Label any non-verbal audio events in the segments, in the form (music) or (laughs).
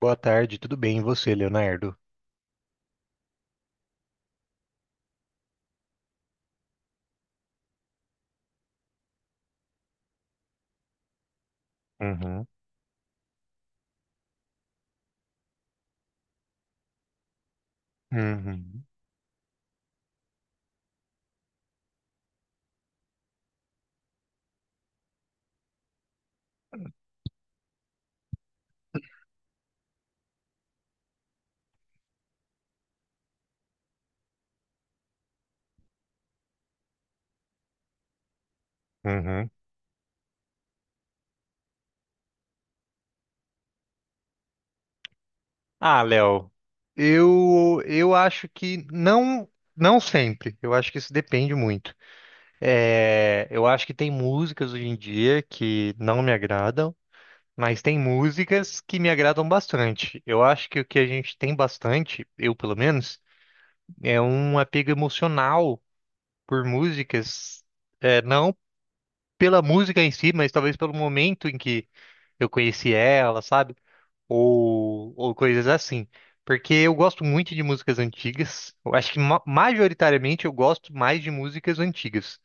Boa tarde, tudo bem? E você, Leonardo? Uhum, uhum, uhum. Ah, Léo, eu acho que não, não sempre. Eu acho que isso depende muito. É, eu acho que tem músicas hoje em dia que não me agradam, mas tem músicas que me agradam bastante. Eu acho que o que a gente tem bastante, eu pelo menos, é um apego emocional por músicas, é, não pela música em si, mas talvez pelo momento em que eu conheci ela, sabe? Ou coisas assim. Porque eu gosto muito de músicas antigas. Eu acho que majoritariamente eu gosto mais de músicas antigas.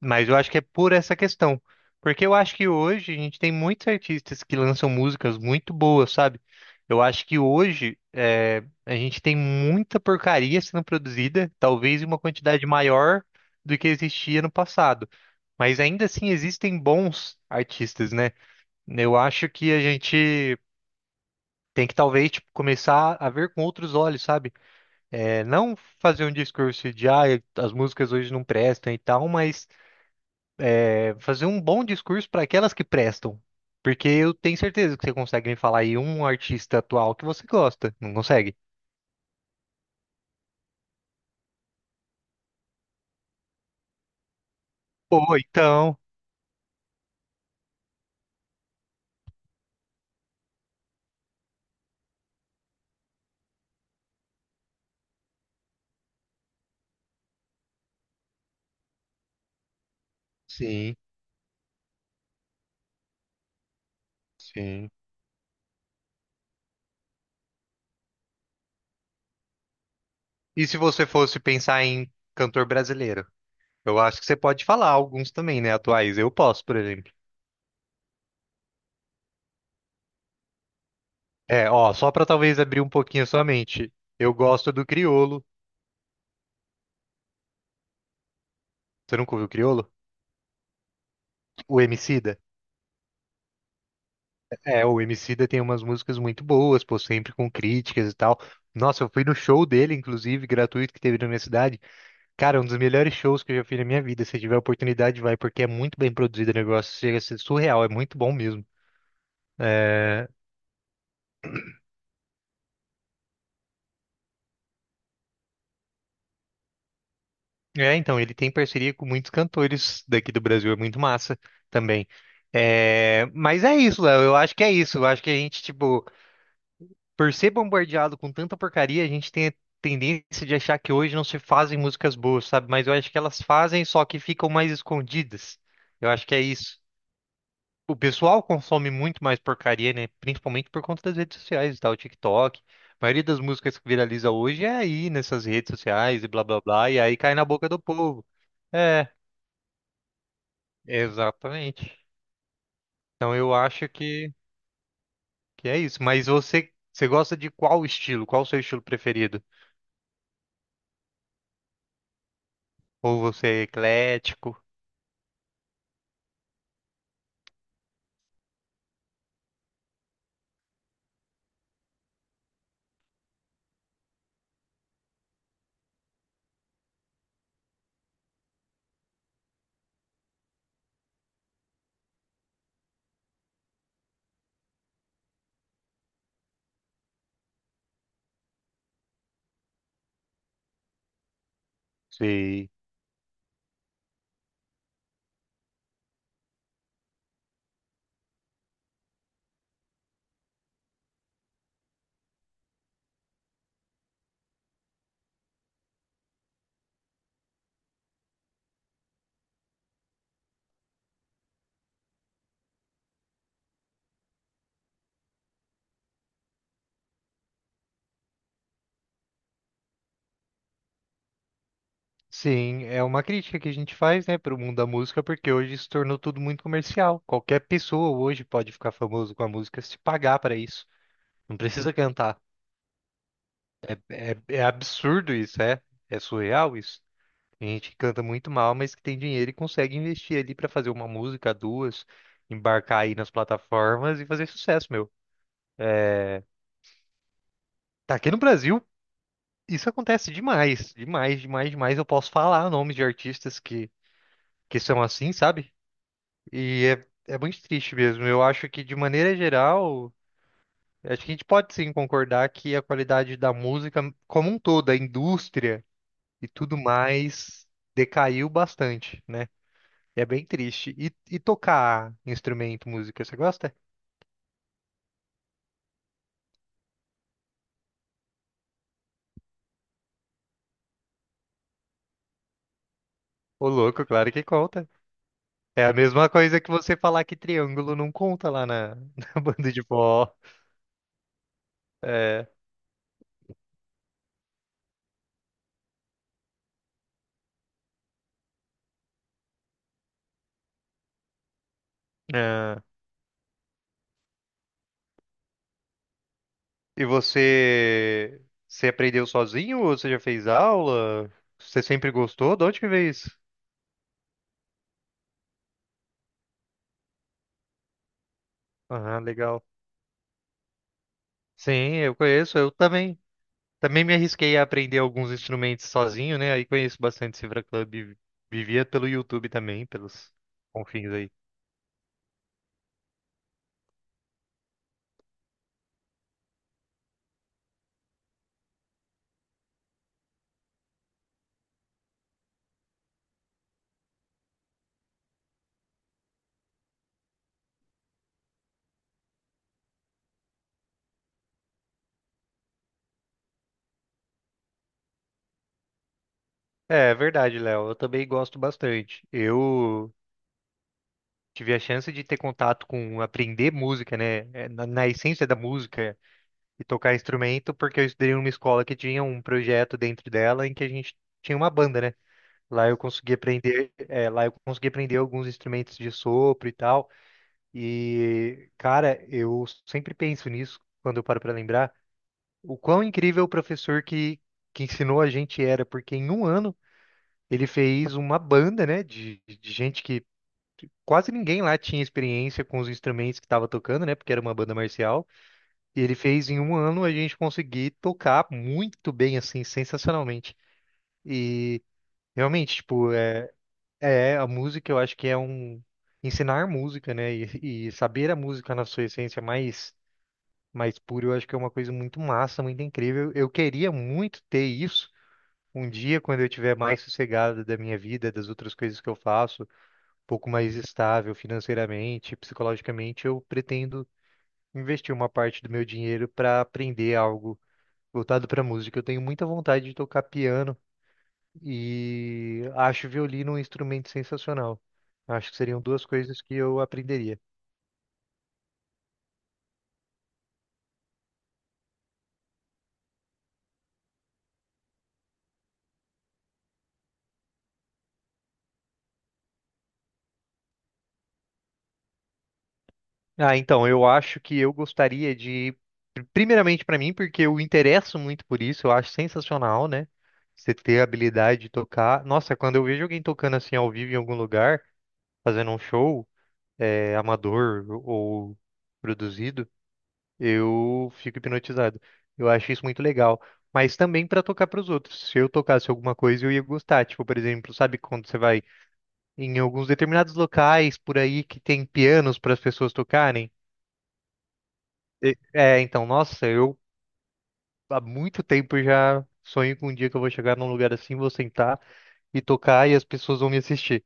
Mas eu acho que é por essa questão. Porque eu acho que hoje a gente tem muitos artistas que lançam músicas muito boas, sabe? Eu acho que hoje é, a gente tem muita porcaria sendo produzida, talvez em uma quantidade maior do que existia no passado. Mas ainda assim existem bons artistas, né? Eu acho que a gente tem que talvez tipo, começar a ver com outros olhos, sabe? É, não fazer um discurso de ah, as músicas hoje não prestam e tal, mas é, fazer um bom discurso para aquelas que prestam. Porque eu tenho certeza que você consegue me falar aí um artista atual que você gosta. Não consegue? Ou então. Sim, sim. E se você fosse pensar em cantor brasileiro? Eu acho que você pode falar alguns também, né? Atuais. Eu posso, por exemplo. É, ó, só pra talvez abrir um pouquinho a sua mente. Eu gosto do Criolo. Você nunca ouviu Criolo? O Emicida? É, o Emicida tem umas músicas muito boas, pô, sempre com críticas e tal. Nossa, eu fui no show dele, inclusive, gratuito, que teve na minha cidade. Cara, é um dos melhores shows que eu já fiz na minha vida. Se tiver oportunidade, vai, porque é muito bem produzido o negócio. Chega a ser surreal, é muito bom mesmo. É... então, ele tem parceria com muitos cantores daqui do Brasil, é muito massa também. É, mas é isso, Léo, eu acho que é isso. Eu acho que a gente, tipo. Por ser bombardeado com tanta porcaria, a gente tem a tendência de achar que hoje não se fazem músicas boas, sabe? Mas eu acho que elas fazem, só que ficam mais escondidas. Eu acho que é isso. O pessoal consome muito mais porcaria, né? Principalmente por conta das redes sociais e tal, TikTok. A maioria das músicas que viraliza hoje é aí nessas redes sociais e blá blá blá, e aí cai na boca do povo. É, exatamente. Então eu acho que, é isso. Mas você gosta de qual estilo? Qual o seu estilo preferido? Ou você é eclético? Sei. Sim, é uma crítica que a gente faz, né, para o mundo da música, porque hoje se tornou tudo muito comercial. Qualquer pessoa hoje pode ficar famoso com a música se pagar para isso. Não precisa cantar. É, é absurdo isso, é? É surreal isso. Tem gente que canta muito mal, mas que tem dinheiro e consegue investir ali para fazer uma música, duas, embarcar aí nas plataformas e fazer sucesso, meu. Tá aqui no Brasil, isso acontece demais, demais, demais, demais. Eu posso falar nomes de artistas que, são assim, sabe? E é muito triste mesmo. Eu acho que, de maneira geral, acho que a gente pode sim concordar que a qualidade da música como um todo, a indústria e tudo mais, decaiu bastante, né? É bem triste. E tocar instrumento, música, você gosta? Ô, louco, claro que conta. É a mesma coisa que você falar que triângulo não conta lá na, (laughs) na banda de forró. É. E você, aprendeu sozinho ou você já fez aula? Você sempre gostou? De onde que veio isso? Ah, legal. Sim, eu conheço, eu também. Também me arrisquei a aprender alguns instrumentos sozinho, né? Aí conheço bastante Cifra Club, vivia pelo YouTube também, pelos confins aí. É, é verdade, Léo, eu também gosto bastante. Eu tive a chance de ter contato com aprender música, né? É, na, essência da música, e tocar instrumento, porque eu estudei numa escola que tinha um projeto dentro dela em que a gente tinha uma banda, né? Lá eu consegui aprender, é, lá eu consegui aprender alguns instrumentos de sopro e tal. E, cara, eu sempre penso nisso quando eu paro para lembrar o quão incrível o professor que, ensinou a gente era, porque em um ano ele fez uma banda, né, de gente que quase ninguém lá tinha experiência com os instrumentos que estava tocando, né, porque era uma banda marcial. E ele fez em um ano a gente conseguir tocar muito bem, assim, sensacionalmente. E realmente, tipo, é, é a música, eu acho que é um. Ensinar música, né? E saber a música na sua essência mais pura, eu acho que é uma coisa muito massa, muito incrível. Eu queria muito ter isso um dia, quando eu tiver mais sossegado da minha vida, das outras coisas que eu faço, um pouco mais estável financeiramente, psicologicamente, eu pretendo investir uma parte do meu dinheiro para aprender algo voltado para música. Eu tenho muita vontade de tocar piano e acho violino um instrumento sensacional. Acho que seriam duas coisas que eu aprenderia. Ah, então, eu acho que eu gostaria de, primeiramente para mim, porque eu interesso muito por isso, eu acho sensacional, né? Você ter a habilidade de tocar. Nossa, quando eu vejo alguém tocando assim ao vivo em algum lugar, fazendo um show, amador ou produzido, eu fico hipnotizado. Eu acho isso muito legal. Mas também para tocar para os outros. Se eu tocasse alguma coisa, eu ia gostar. Tipo, por exemplo, sabe quando você vai em alguns determinados locais por aí que tem pianos para as pessoas tocarem? É, então, nossa, eu há muito tempo já sonho com um dia que eu vou chegar num lugar assim, vou sentar e tocar e as pessoas vão me assistir.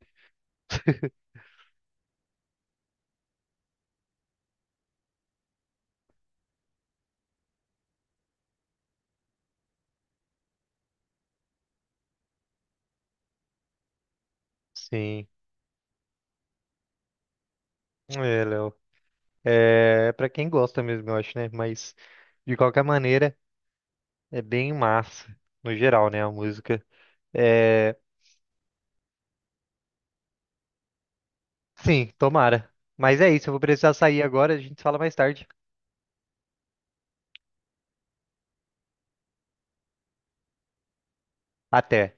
Sim, é, Léo. É para quem gosta mesmo, eu acho, né? Mas de qualquer maneira, é bem massa, no geral, né? A música. É, sim, tomara. Mas é isso, eu vou precisar sair agora, a gente fala mais tarde. Até.